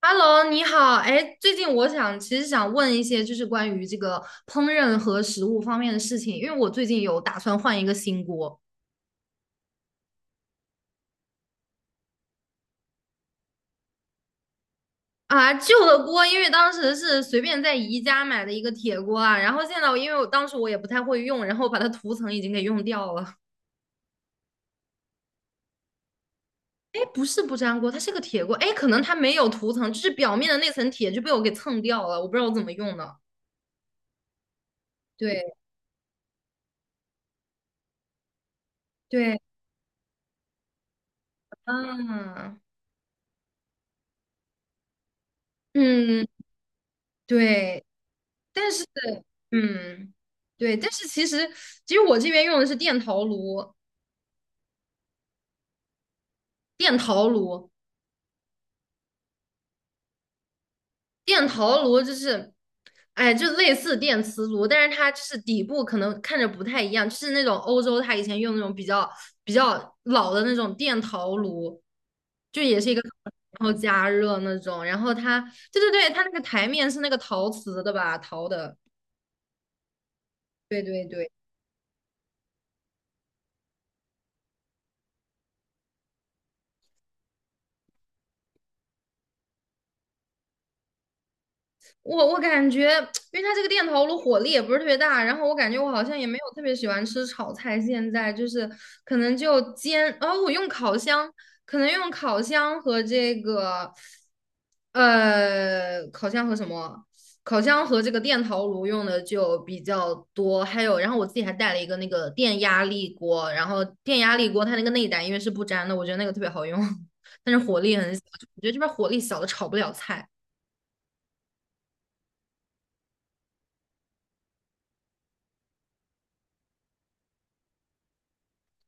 Hello，你好。哎，最近其实想问一些就是关于这个烹饪和食物方面的事情，因为我最近有打算换一个新锅啊，旧的锅，因为当时是随便在宜家买的一个铁锅啊，然后现在我，因为我当时我也不太会用，然后把它涂层已经给用掉了。哎，不是不粘锅，它是个铁锅。哎，可能它没有涂层，就是表面的那层铁就被我给蹭掉了，我不知道我怎么用的。对对，嗯嗯，对。但是，嗯，对，但是其实我这边用的是电陶炉，电陶炉，电陶炉就是，哎，就类似电磁炉，但是它就是底部可能看着不太一样，就是那种欧洲它以前用那种比较老的那种电陶炉，就也是一个，然后加热那种，然后它，对对对，它那个台面是那个陶瓷的吧，陶的，对对对。我感觉，因为它这个电陶炉火力也不是特别大，然后我感觉我好像也没有特别喜欢吃炒菜，现在就是可能就煎，哦，我用烤箱，可能用烤箱和这个，烤箱和什么？烤箱和这个电陶炉用的就比较多，还有，然后我自己还带了一个那个电压力锅，然后电压力锅它那个内胆因为是不粘的，我觉得那个特别好用，但是火力很小，我觉得这边火力小的炒不了菜，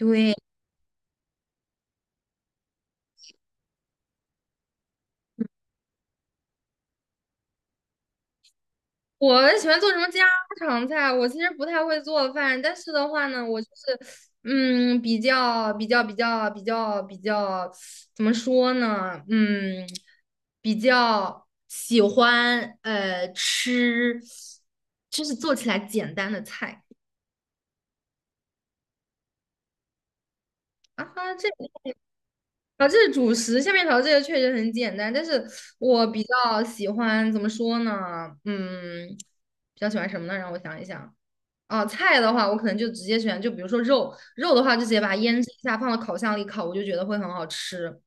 对。我喜欢做什么家常菜？我其实不太会做饭，但是的话呢，我就是，嗯，比较，怎么说呢？嗯，比较喜欢吃，就是做起来简单的菜啊哈。这是主食，下面条这个确实很简单，但是我比较喜欢怎么说呢？嗯，比较喜欢什么呢？让我想一想。啊，菜的话，我可能就直接选，就比如说肉，肉的话就直接把它腌制一下，放到烤箱里烤，我就觉得会很好吃。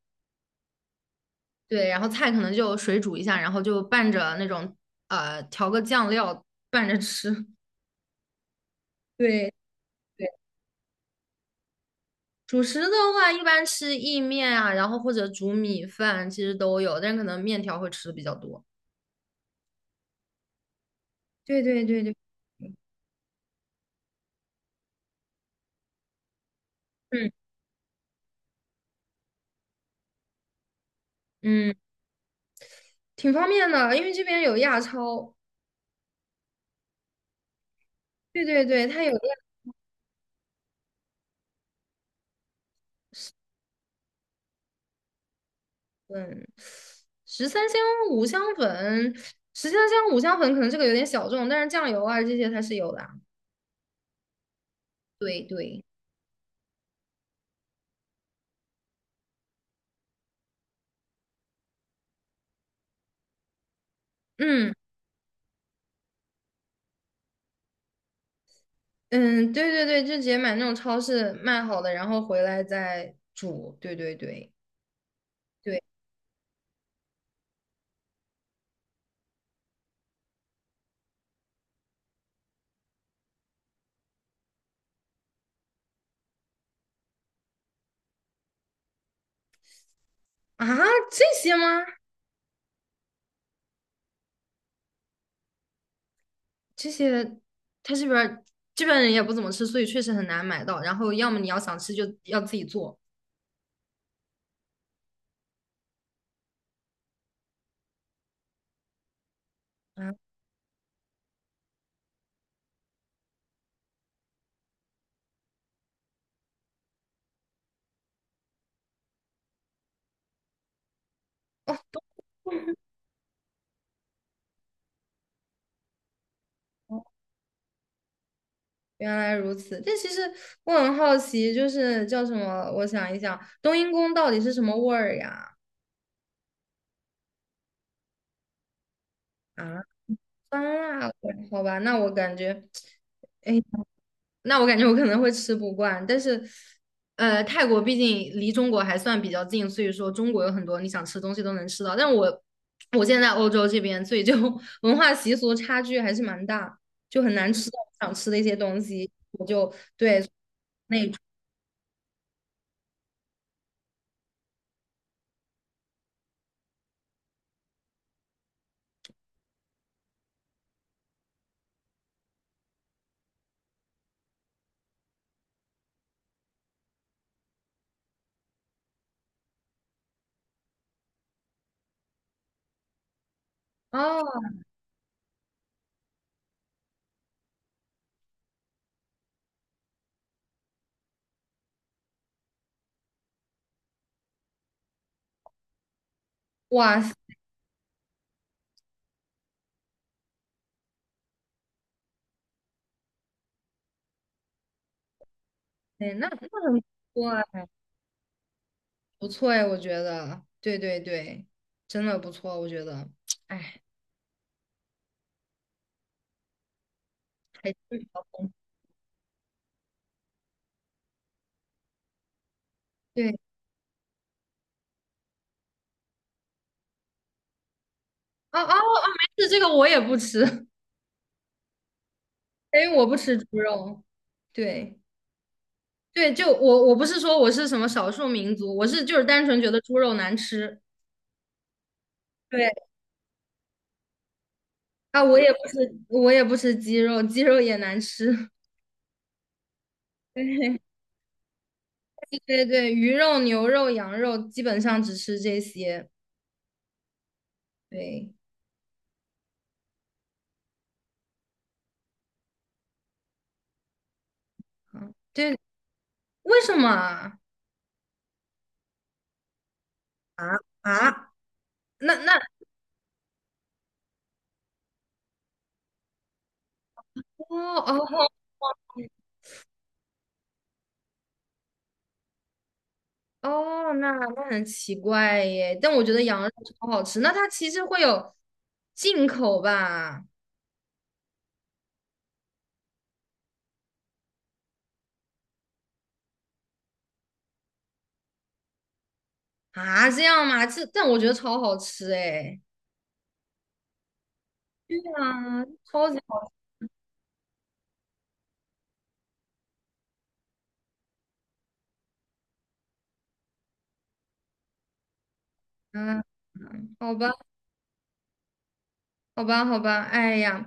对，然后菜可能就水煮一下，然后就拌着那种调个酱料拌着吃。对对，主食的话一般吃意面啊，然后或者煮米饭，其实都有，但是可能面条会吃的比较多。对对对对，嗯嗯，挺方便的，因为这边有亚超。对对对，它有。嗯，十三香、五香粉，十三香、五香粉可能这个有点小众，但是酱油啊这些它是有的啊，对对，嗯嗯，对对对，就直接买那种超市卖好的，然后回来再煮。对对对对，啊，这些吗？这些他这边人也不怎么吃，所以确实很难买到。然后要么你要想吃就要自己做啊。哦，原来如此，但其实我很好奇，就是叫什么？我想一想，冬阴功到底是什么味儿呀？啊，酸辣味儿好吧，那我感觉，哎，那我感觉我可能会吃不惯。但是，泰国毕竟离中国还算比较近，所以说中国有很多你想吃的东西都能吃到。但我现在在欧洲这边，所以就 文化习俗差距还是蛮大，就很难吃到我想吃的一些东西。我就对，哦，哇塞，那很多啊。不错哎，我觉得，对对对，真的不错，我觉得，哎，还是比较丰富，对，哦哦哦，没事，这个我也不吃，因为我不吃猪肉。对对，就我不是说我是什么少数民族，我是就是单纯觉得猪肉难吃。对啊，我也不吃鸡肉，鸡肉也难吃。对对对对，鱼肉、牛肉、羊肉基本上只吃这些。对，啊，对，为什么啊？啊，那那哦哦，哦哦，那很奇怪耶，但我觉得羊肉超好吃。那它其实会有进口吧？啊，这样吗？这但我觉得超好吃哎。对啊，超级好吃啊。好吧，好吧，好吧。哎呀，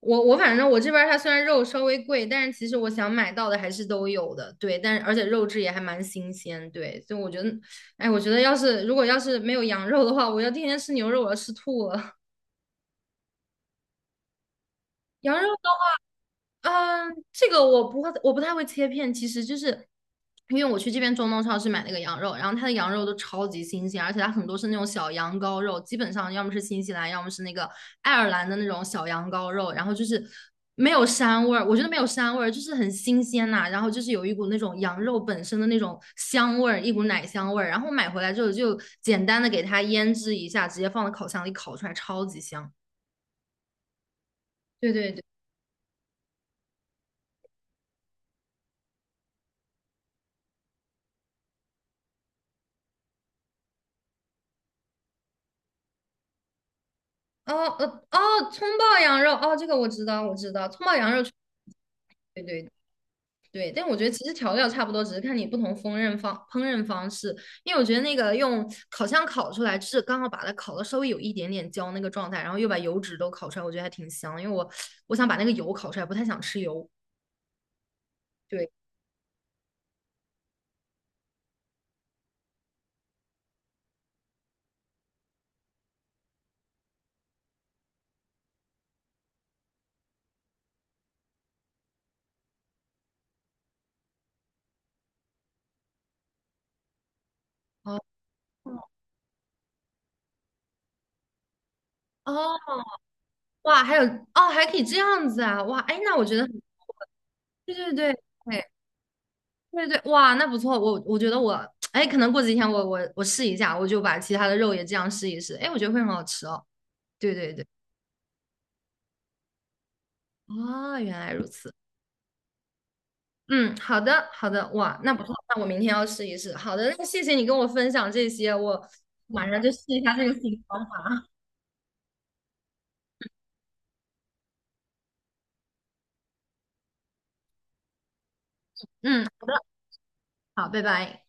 我反正我这边儿它虽然肉稍微贵，但是其实我想买到的还是都有的。对，但是而且肉质也还蛮新鲜。对，所以我觉得，哎，我觉得要是如果没有羊肉的话，我要天天吃牛肉，我要吃吐了。羊肉。嗯，这个我不会，我不太会切片，其实就是因为我去这边中东超市买那个羊肉，然后它的羊肉都超级新鲜，而且它很多是那种小羊羔肉，基本上要么是新西兰，要么是那个爱尔兰的那种小羊羔肉，然后就是没有膻味儿，我觉得没有膻味儿，就是很新鲜呐、然后就是有一股那种羊肉本身的那种香味儿，一股奶香味儿，然后买回来之后就简单的给它腌制一下，直接放到烤箱里烤出来，超级香。对对对，哦，哦，葱爆羊肉哦，这个我知道，我知道，葱爆羊肉，对对对，但我觉得其实调料差不多，只是看你不同烹饪方式。因为我觉得那个用烤箱烤出来，是刚好把它烤的稍微有一点点焦那个状态，然后又把油脂都烤出来，我觉得还挺香。因为我想把那个油烤出来，不太想吃油。对，哦哦，哇，还有哦，还可以这样子啊，哇，哎，那我觉得对对对对，对对，哇，那不错，我觉得我，哎，可能过几天我试一下，我就把其他的肉也这样试一试，哎，我觉得会很好吃哦。对对对，啊，原来如此。嗯，好的好的，哇，那不错，那我明天要试一试。好的，那谢谢你跟我分享这些，我马上就试一下这个新方法。嗯，好的，好，拜拜。